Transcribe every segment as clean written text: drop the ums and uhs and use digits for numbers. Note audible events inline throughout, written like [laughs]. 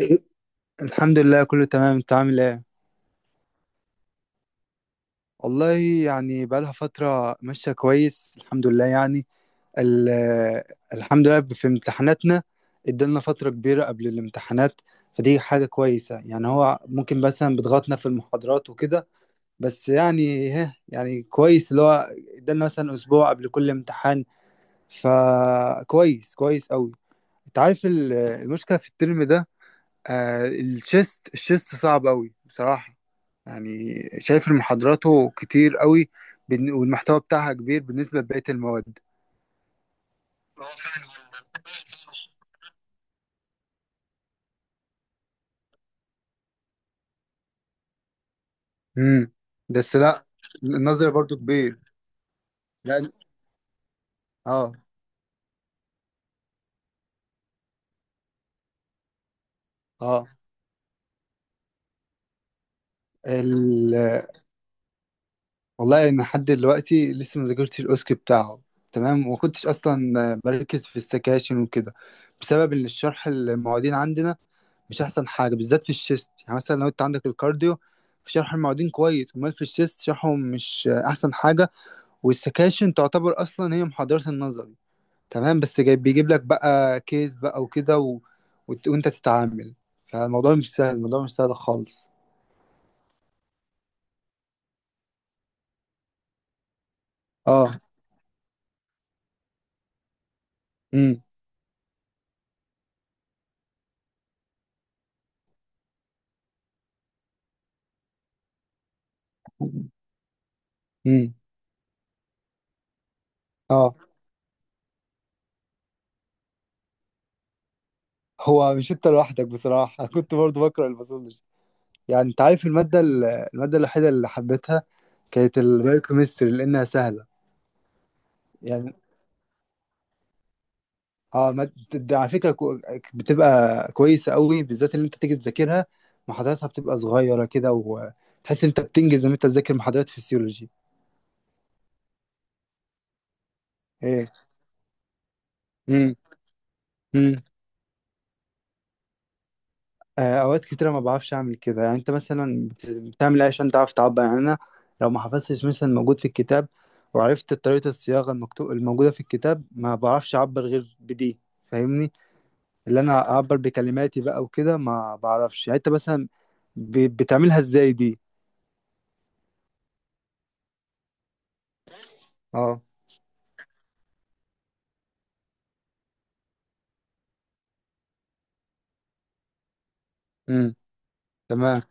إيه؟ الحمد لله كله تمام، انت عامل ايه؟ والله يعني بقالها فترة ماشية كويس الحمد لله يعني. ال- الحمد لله في امتحاناتنا ادالنا فترة كبيرة قبل الامتحانات، فدي حاجة كويسة يعني. هو ممكن مثلا بيضغطنا في المحاضرات وكده، بس يعني ها يعني كويس اللي هو ادالنا مثلا اسبوع قبل كل امتحان، فكويس قوي. انت عارف المشكلة في الترم ده، آه الشيست صعب قوي بصراحة يعني. شايف ان محاضراته كتير قوي، والمحتوى بتاعها كبير بالنسبة لبقية المواد. امم بس لا، النظري برضو كبير لان اه. اه ال... والله انا لحد دلوقتي لسه ما ذاكرتش الاوسكي بتاعه، تمام، وما كنتش اصلا بركز في السكاشن وكده، بسبب ان الشرح المعيدين عندنا مش احسن حاجه بالذات في الشيست. يعني مثلا لو انت عندك الكارديو في شرح المعيدين كويس، امال في الشيست شرحهم مش احسن حاجه، والسكاشن تعتبر اصلا هي محاضرة النظري. تمام، بس جاي بيجيب لك بقى كيس بقى وكده و... وانت تتعامل، فالموضوع مش سهل، الموضوع مش سهل خالص. اه. امم امم. اه، هو مش انت لوحدك بصراحة [laughs] كنت برضو بكره الباثولوجي. يعني انت عارف المادة المادة الوحيدة اللي حبيتها كانت البايوكيمستري لانها سهلة يعني. اه، ما ده على فكره بتبقى كويسه قوي، بالذات اللي انت تيجي تذاكرها محاضراتها بتبقى صغيره كده، وتحس انت بتنجز لما انت تذاكر محاضرات فيسيولوجي. ايه. امم امم. آه، اوقات كتيره ما بعرفش اعمل كده. يعني انت مثلا بتعمل ايه عشان تعرف تعبر يعني؟ انا لو ما حفظتش مثلا موجود في الكتاب، وعرفت طريقه الصياغه المكتوب الموجوده في الكتاب، ما بعرفش اعبر غير بدي، فاهمني؟ اللي انا اعبر بكلماتي بقى وكده ما بعرفش. يعني انت مثلا بتعملها ازاي دي؟ اه، تمام.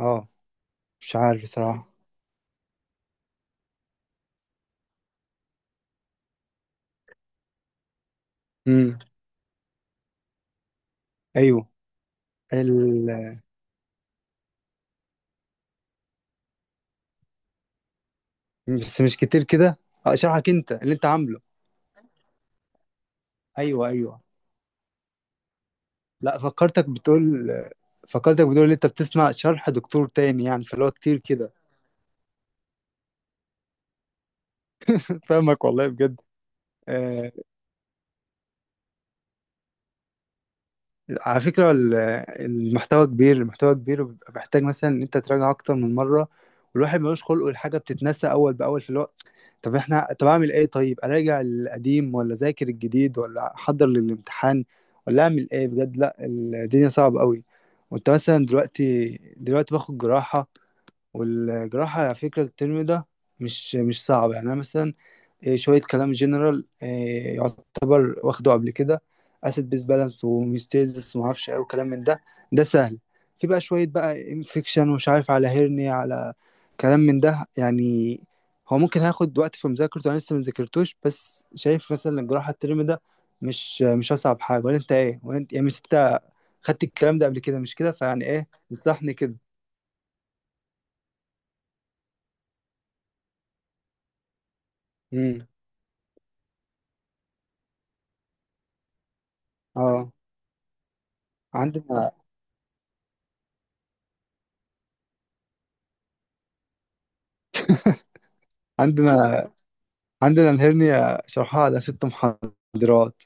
اه، مش عارف صراحة. امم. ايوه. ال... بس مش كتير كده. آه، اشرحك انت اللي انت عامله. ايوه ايوه، لا فكرتك بتقول، فكرتك بتقول ان انت بتسمع شرح دكتور تاني، يعني فاللي هو كتير كده. [laughs] فاهمك والله بجد. آه، على فكرة المحتوى كبير، المحتوى كبير، وبيبقى محتاج مثلا ان انت تراجع اكتر من مرة، والواحد ملوش خلق والحاجة بتتنسى اول باول في الوقت. طب احنا، طب اعمل ايه؟ طيب اراجع القديم، ولا ذاكر الجديد، ولا احضر للامتحان، ولا اعمل ايه بجد؟ لا الدنيا صعبة قوي. وانت مثلا دلوقتي، دلوقتي باخد جراحة، والجراحة على فكرة الترم ده مش مش صعب يعني. انا مثلا إيه، شوية كلام جنرال إيه، يعتبر واخده قبل كده، اسيد بيس بالانس وهيوستيزيس ومعرفش ايه وكلام من ده، ده سهل. في بقى شوية بقى انفكشن ومش عارف، على هيرنيا، على كلام من ده يعني. هو ممكن هاخد وقت في مذاكرته، انا لسه ما ذاكرتوش، بس شايف مثلا الجراحة الترم ده مش مش اصعب حاجة. ولا انت ايه؟ ولا انت يعني، مش انت خدت الكلام ده قبل كده؟ مش كده؟ فيعني ايه انصحني كده. امم. اه، عندنا عندنا، عندنا الهرنيا شرحها على ست محاضرات،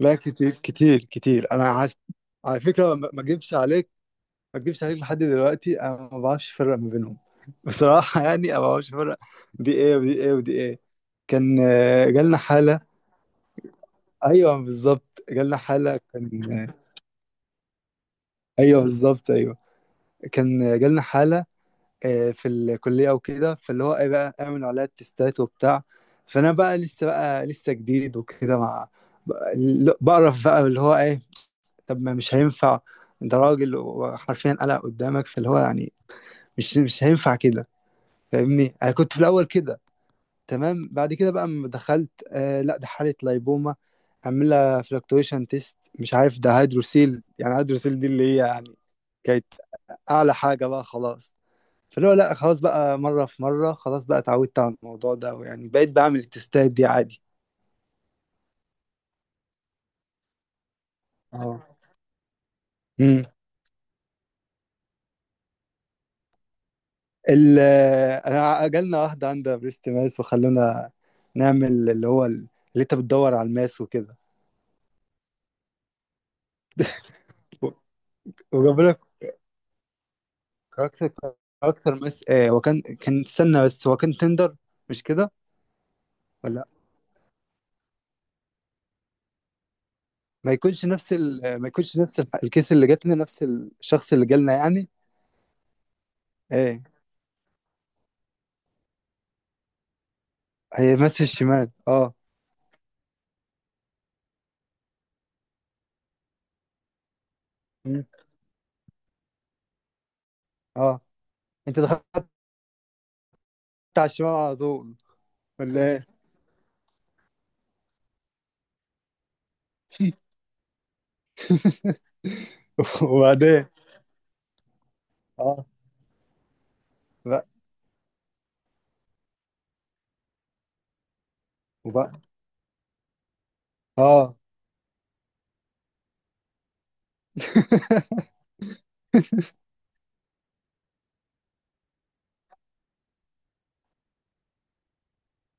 لا كتير كتير كتير. انا على فكره، ما اكذبش عليك، ما اكذبش عليك، لحد دلوقتي انا ما بعرفش افرق ما بينهم [laughs] بصراحه. يعني انا ما بعرفش افرق دي ايه ودي ايه ودي ايه. كان جالنا حاله. ايوه بالظبط، جالنا حاله كان ايوه، بالظبط ايوه. كان جالنا حاله في الكليه وكده، فاللي هو ايه بقى، اعملوا عليها التستات وبتاع. فانا بقى لسه، بقى لسه جديد وكده، مع بقرف بقى اللي هو ايه، طب ما مش هينفع، انت راجل وحرفيا قلق قدامك، فاللي هو يعني مش مش هينفع كده، فاهمني؟ انا كنت في الاول كده، تمام. بعد كده بقى لما دخلت، آه لا ده حاله لايبوما، عامله فلكتويشن تيست، مش عارف، ده هيدروسيل يعني، هيدروسيل دي اللي هي يعني كانت اعلى حاجه بقى خلاص. فاللي هو لا خلاص بقى، مره في مره خلاص بقى اتعودت على الموضوع ده، ويعني بقيت بعمل التستات دي عادي. اه، ال انا جالنا واحدة عندها بريست ماس وخلونا نعمل اللي هو اللي انت بتدور على الماس وكده و- وجابوا لك كاركتر، كاركتر ماس. آه هو كان، كان استنى، بس هو كان تندر مش كده، ولا لأ؟ ما يكونش نفس ما يكونش نفس الكيس اللي جاتنا، نفس الشخص اللي جالنا يعني. ايه، هي ماس في الشمال اه. مم. اه، انت دخلت على الشمال على طول ولا ايه؟ [laughs] وبعدين؟ اه، بقى وبقى اه. [laughs]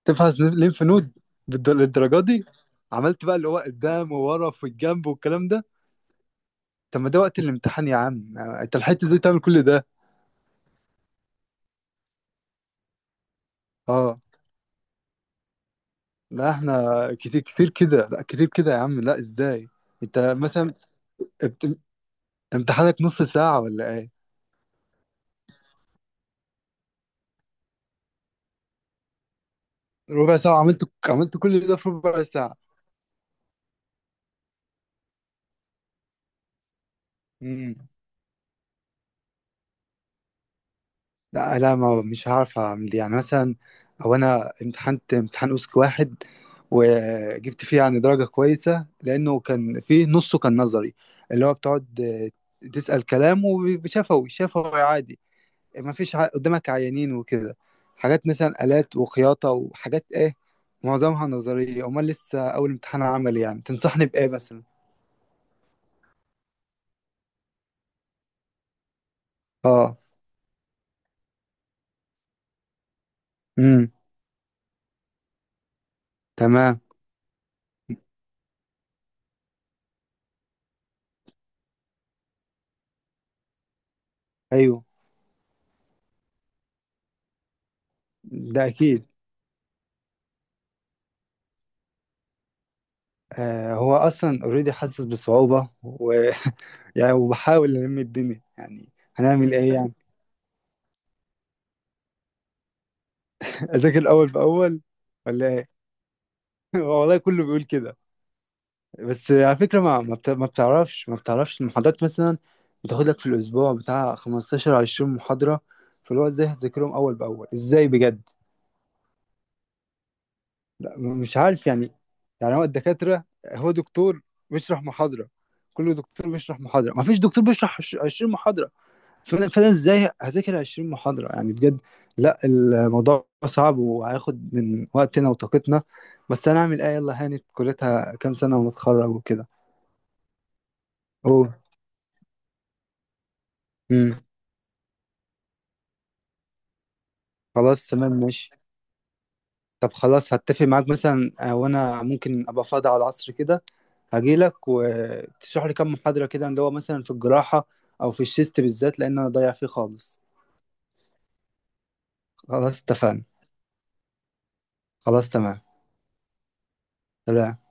تفحص ليمف نود؟ للدرجه دي؟ عملت بقى اللي هو قدام وورا في الجنب والكلام ده؟ طب ما ده وقت الامتحان يا عم، انت لحقت ازاي تعمل كل ده؟ اه لا، احنا كتير كتير كده، لا كتير كده يا عم، لا ازاي؟ انت مثلا ابت- امتحانك نص ساعه ولا ايه؟ ربع ساعه؟ عملت عملت كل ده في ربع ساعه؟ مم. لا لا، ما مش هعرف اعمل دي. يعني مثلا او انا امتحنت امتحان اوسك واحد، وجبت فيه يعني درجة كويسة، لانه كان فيه نصه كان نظري، اللي هو بتقعد آه، تسأل كلام، وشفوي شفوي عادي، ما فيش قدامك عيانين وكده، حاجات مثلا آلات وخياطة وحاجات ايه، معظمها نظرية. امال لسه اول امتحان عملي يعني، تنصحني بايه مثلا؟ اه. امم. تمام. ايوه. ده اكيد. آه، هو اصلا اوريدي حاسس بصعوبه يعني، وبحاول ألم الدنيا يعني، هنعمل إيه يعني؟ [laughs] أذاكر أول بأول ولا إيه؟ [laughs] والله كله بيقول كده. بس على فكرة، ما بتعرفش، ما بتعرفش المحاضرات مثلا بتاخد لك في الأسبوع بتاع 15 20 محاضرة، فاللي هو إزاي هتذاكرهم أول بأول إزاي بجد؟ لا مش عارف يعني. يعني هو الدكاترة، هو دكتور بيشرح محاضرة، كل دكتور بيشرح محاضرة، ما فيش دكتور بيشرح 20 محاضرة، فانا فانا ازاي هذاكر 20 محاضره يعني بجد؟ لا الموضوع صعب وهياخد من وقتنا وطاقتنا، بس انا اعمل ايه؟ يلا هانت، كليتها كام سنه ونتخرج وكده. اوه. امم. خلاص تمام ماشي. طب خلاص هتفق معاك مثلا آه، وانا ممكن ابقى فاضي على العصر كده، هجيلك وتشرح لي كام محاضره كده، اللي هو مثلا في الجراحه او في الشيست بالذات، لان انا ضايع فيه خالص. خلاص اتفقنا. خلاص تمام. سلام.